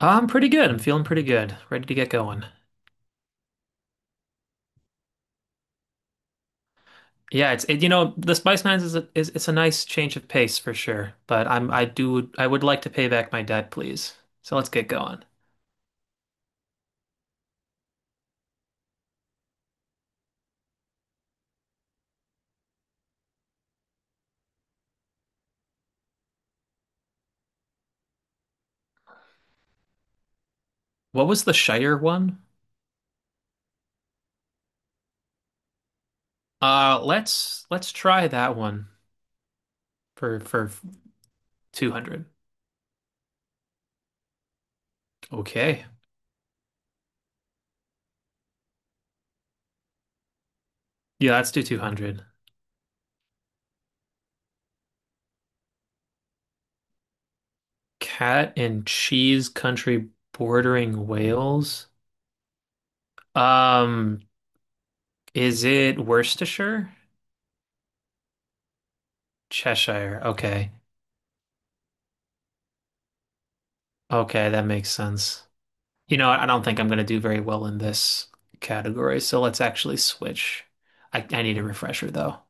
I'm pretty good. I'm feeling pretty good. Ready to get going. Yeah, it's the Spice Nines is, a, is it's a nice change of pace for sure, but I'm I do I would like to pay back my debt, please. So let's get going. What was the Shire one? Let's try that one for 200. Okay. Yeah, let's do 200. Cat and cheese country bordering Wales. Um, is it Worcestershire? Cheshire. Okay. Okay, that makes sense. You know, I don't think I'm going to do very well in this category, so let's actually switch. I need a refresher though.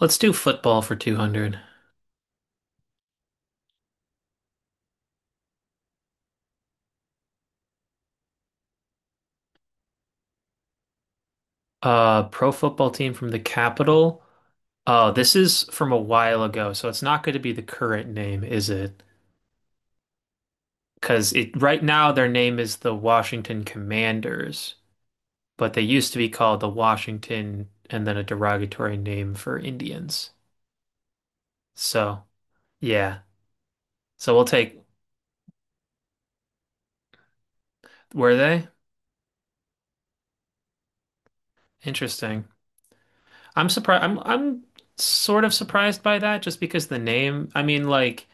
Let's do football for 200. Pro football team from the capital. Oh, this is from a while ago, so it's not going to be the current name, is it? Because it right now their name is the Washington Commanders, but they used to be called the Washington and then a derogatory name for Indians. So, yeah. So we'll take, were they? Interesting. I'm surprised. I'm sort of surprised by that just because the name. I mean, like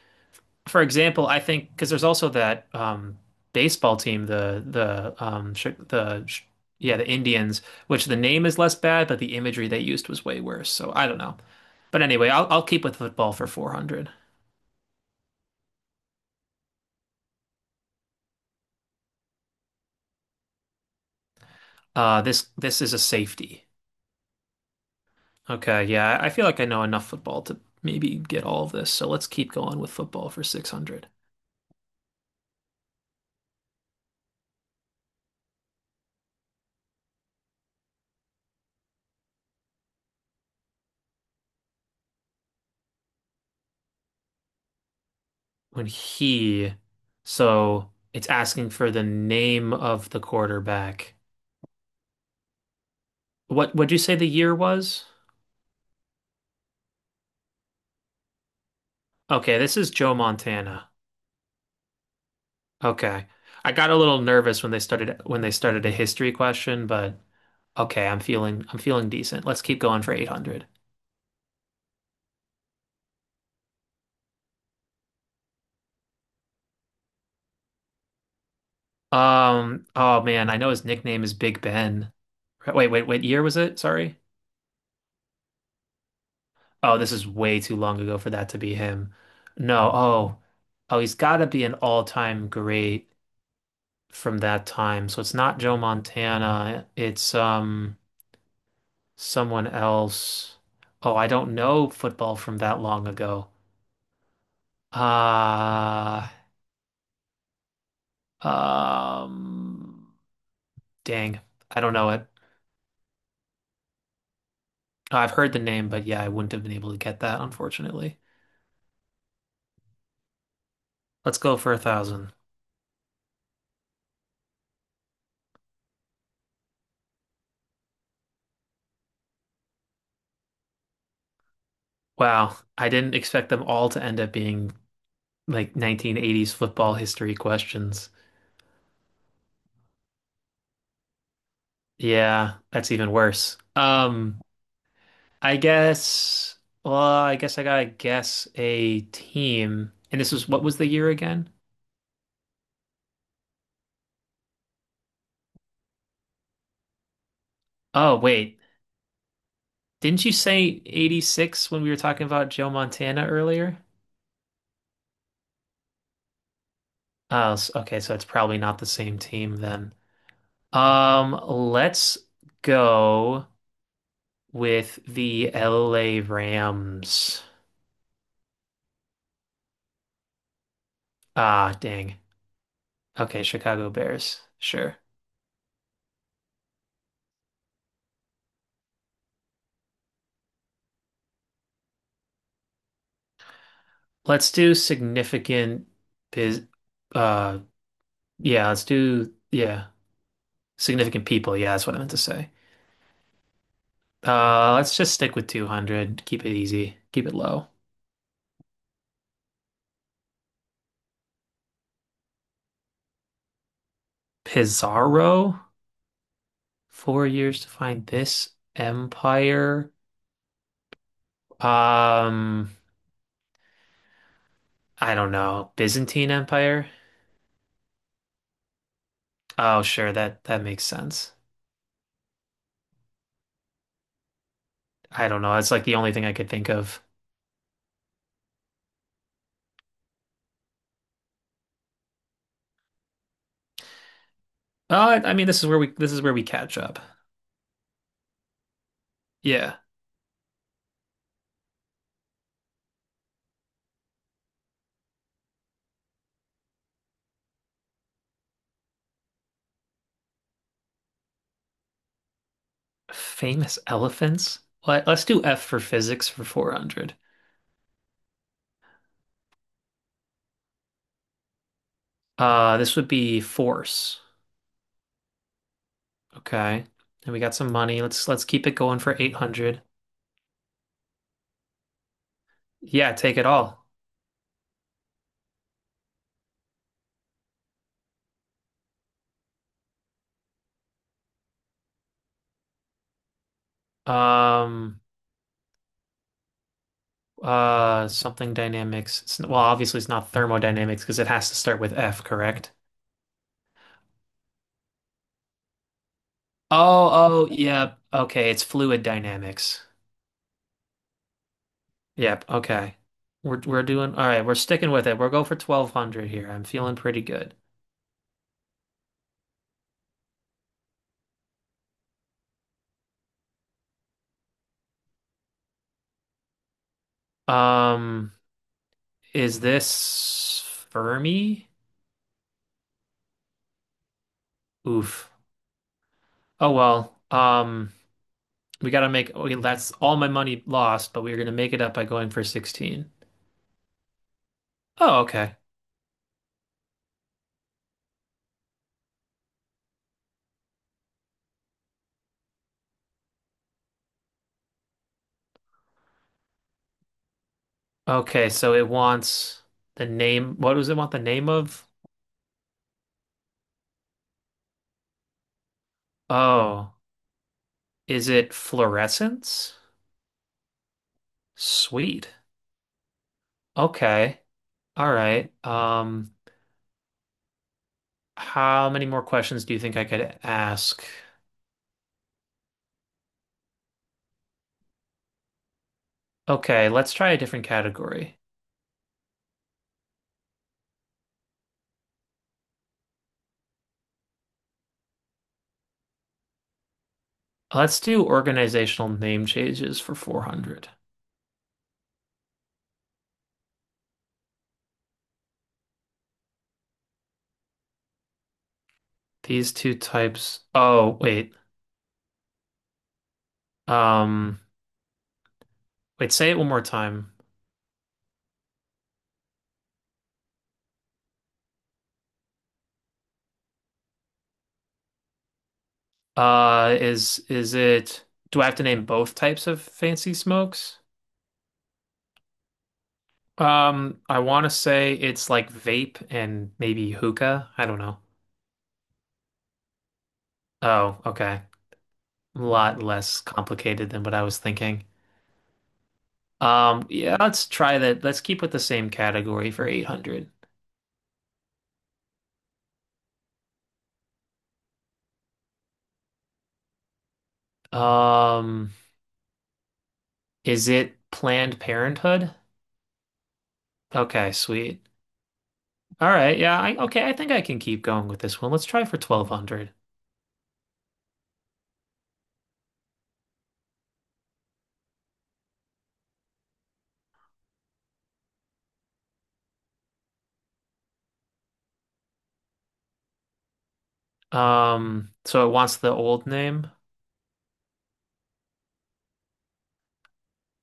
for example, I think because there's also that baseball team, the sh the sh yeah, the Indians, which the name is less bad, but the imagery they used was way worse. So I don't know. But anyway, I'll keep with football for 400. This is a safety. Okay, yeah, I feel like I know enough football to maybe get all of this. So let's keep going with football for 600. when he, so it's asking for the name of the quarterback. What would you say the year was? Okay, this is Joe Montana. Okay. I got a little nervous when they started a history question, but okay, I'm feeling decent. Let's keep going for 800. Oh man, I know his nickname is Big Ben. Wait, wait, wait, year was it? Sorry. Oh, this is way too long ago for that to be him. No, oh. Oh, he's got to be an all-time great from that time. So it's not Joe Montana. It's someone else. Oh, I don't know football from that long ago. Uh um Dang. I don't know it. I've heard the name, but yeah, I wouldn't have been able to get that, unfortunately. Let's go for 1,000. Wow, I didn't expect them all to end up being like 1980s football history questions. Yeah, that's even worse. I guess, well, I guess I gotta guess a team. And this was, what was the year again? Oh, wait. Didn't you say 86 when we were talking about Joe Montana earlier? Oh, okay, so it's probably not the same team then. Let's go with the LA Rams. Ah, dang. Okay, Chicago Bears. Sure. Let's do significant biz uh yeah, let's do yeah. Significant people, yeah, that's what I meant to say. Let's just stick with 200. Keep it easy. Keep it low. Pizarro, 4 years to find this empire. Um, I don't know. Byzantine Empire? Oh, sure, that makes sense. I don't know. That's like the only thing I could think of. I mean, this is where we catch up. Yeah. Famous elephants? Let's do F for physics for 400. This would be force. Okay. And we got some money. Let's keep it going for 800. Yeah, take it all. Um Something dynamics. Well, obviously it's not thermodynamics because it has to start with F, correct? Oh, oh, yeah. Okay, it's fluid dynamics. Yep, okay. We're doing all right, we're sticking with it. We'll go for 1200 here. I'm feeling pretty good. Um is this Fermi? Oof. Oh well. We got to make, Okay, that's all my money lost, but we're going to make it up by going for 16. Oh, okay. Okay, so it wants the name. What does it want the name of? Oh, is it fluorescence? Sweet. Okay. All right. How many more questions do you think I could ask? Okay, let's try a different category. Let's do organizational name changes for 400. These two types. Oh, wait. Um, Wait, say it one more time. Is it? Do I have to name both types of fancy smokes? I want to say it's like vape and maybe hookah. I don't know. Oh, okay. A lot less complicated than what I was thinking. Yeah, let's try that. Let's keep with the same category for 800. Um, is it Planned Parenthood? Okay, sweet. All right, yeah, I okay, I think I can keep going with this one. Let's try for 1200. So it wants the old name.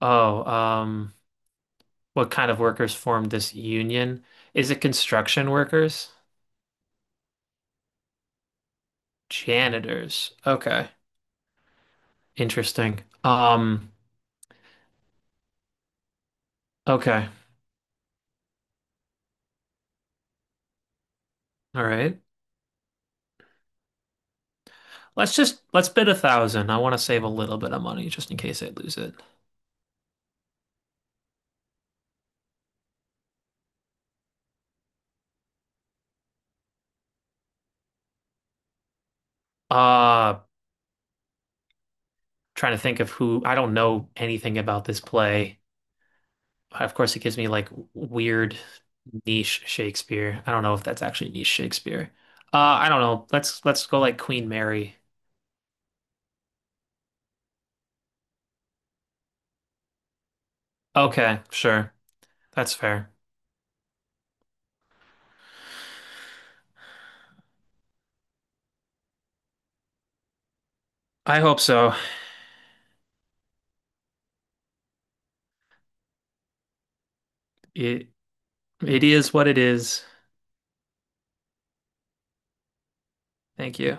Oh, what kind of workers formed this union? Is it construction workers? Janitors. Okay. Interesting. Okay. All right. Let's just let's bid 1,000. I want to save a little bit of money just in case I lose it. Uh, Trying to think of who I don't know anything about this play. Of course, it gives me like weird niche Shakespeare. I don't know if that's actually niche Shakespeare. I don't know. Let's go like Queen Mary. Okay, sure. That's fair. I hope so. It it is what it is. Thank you.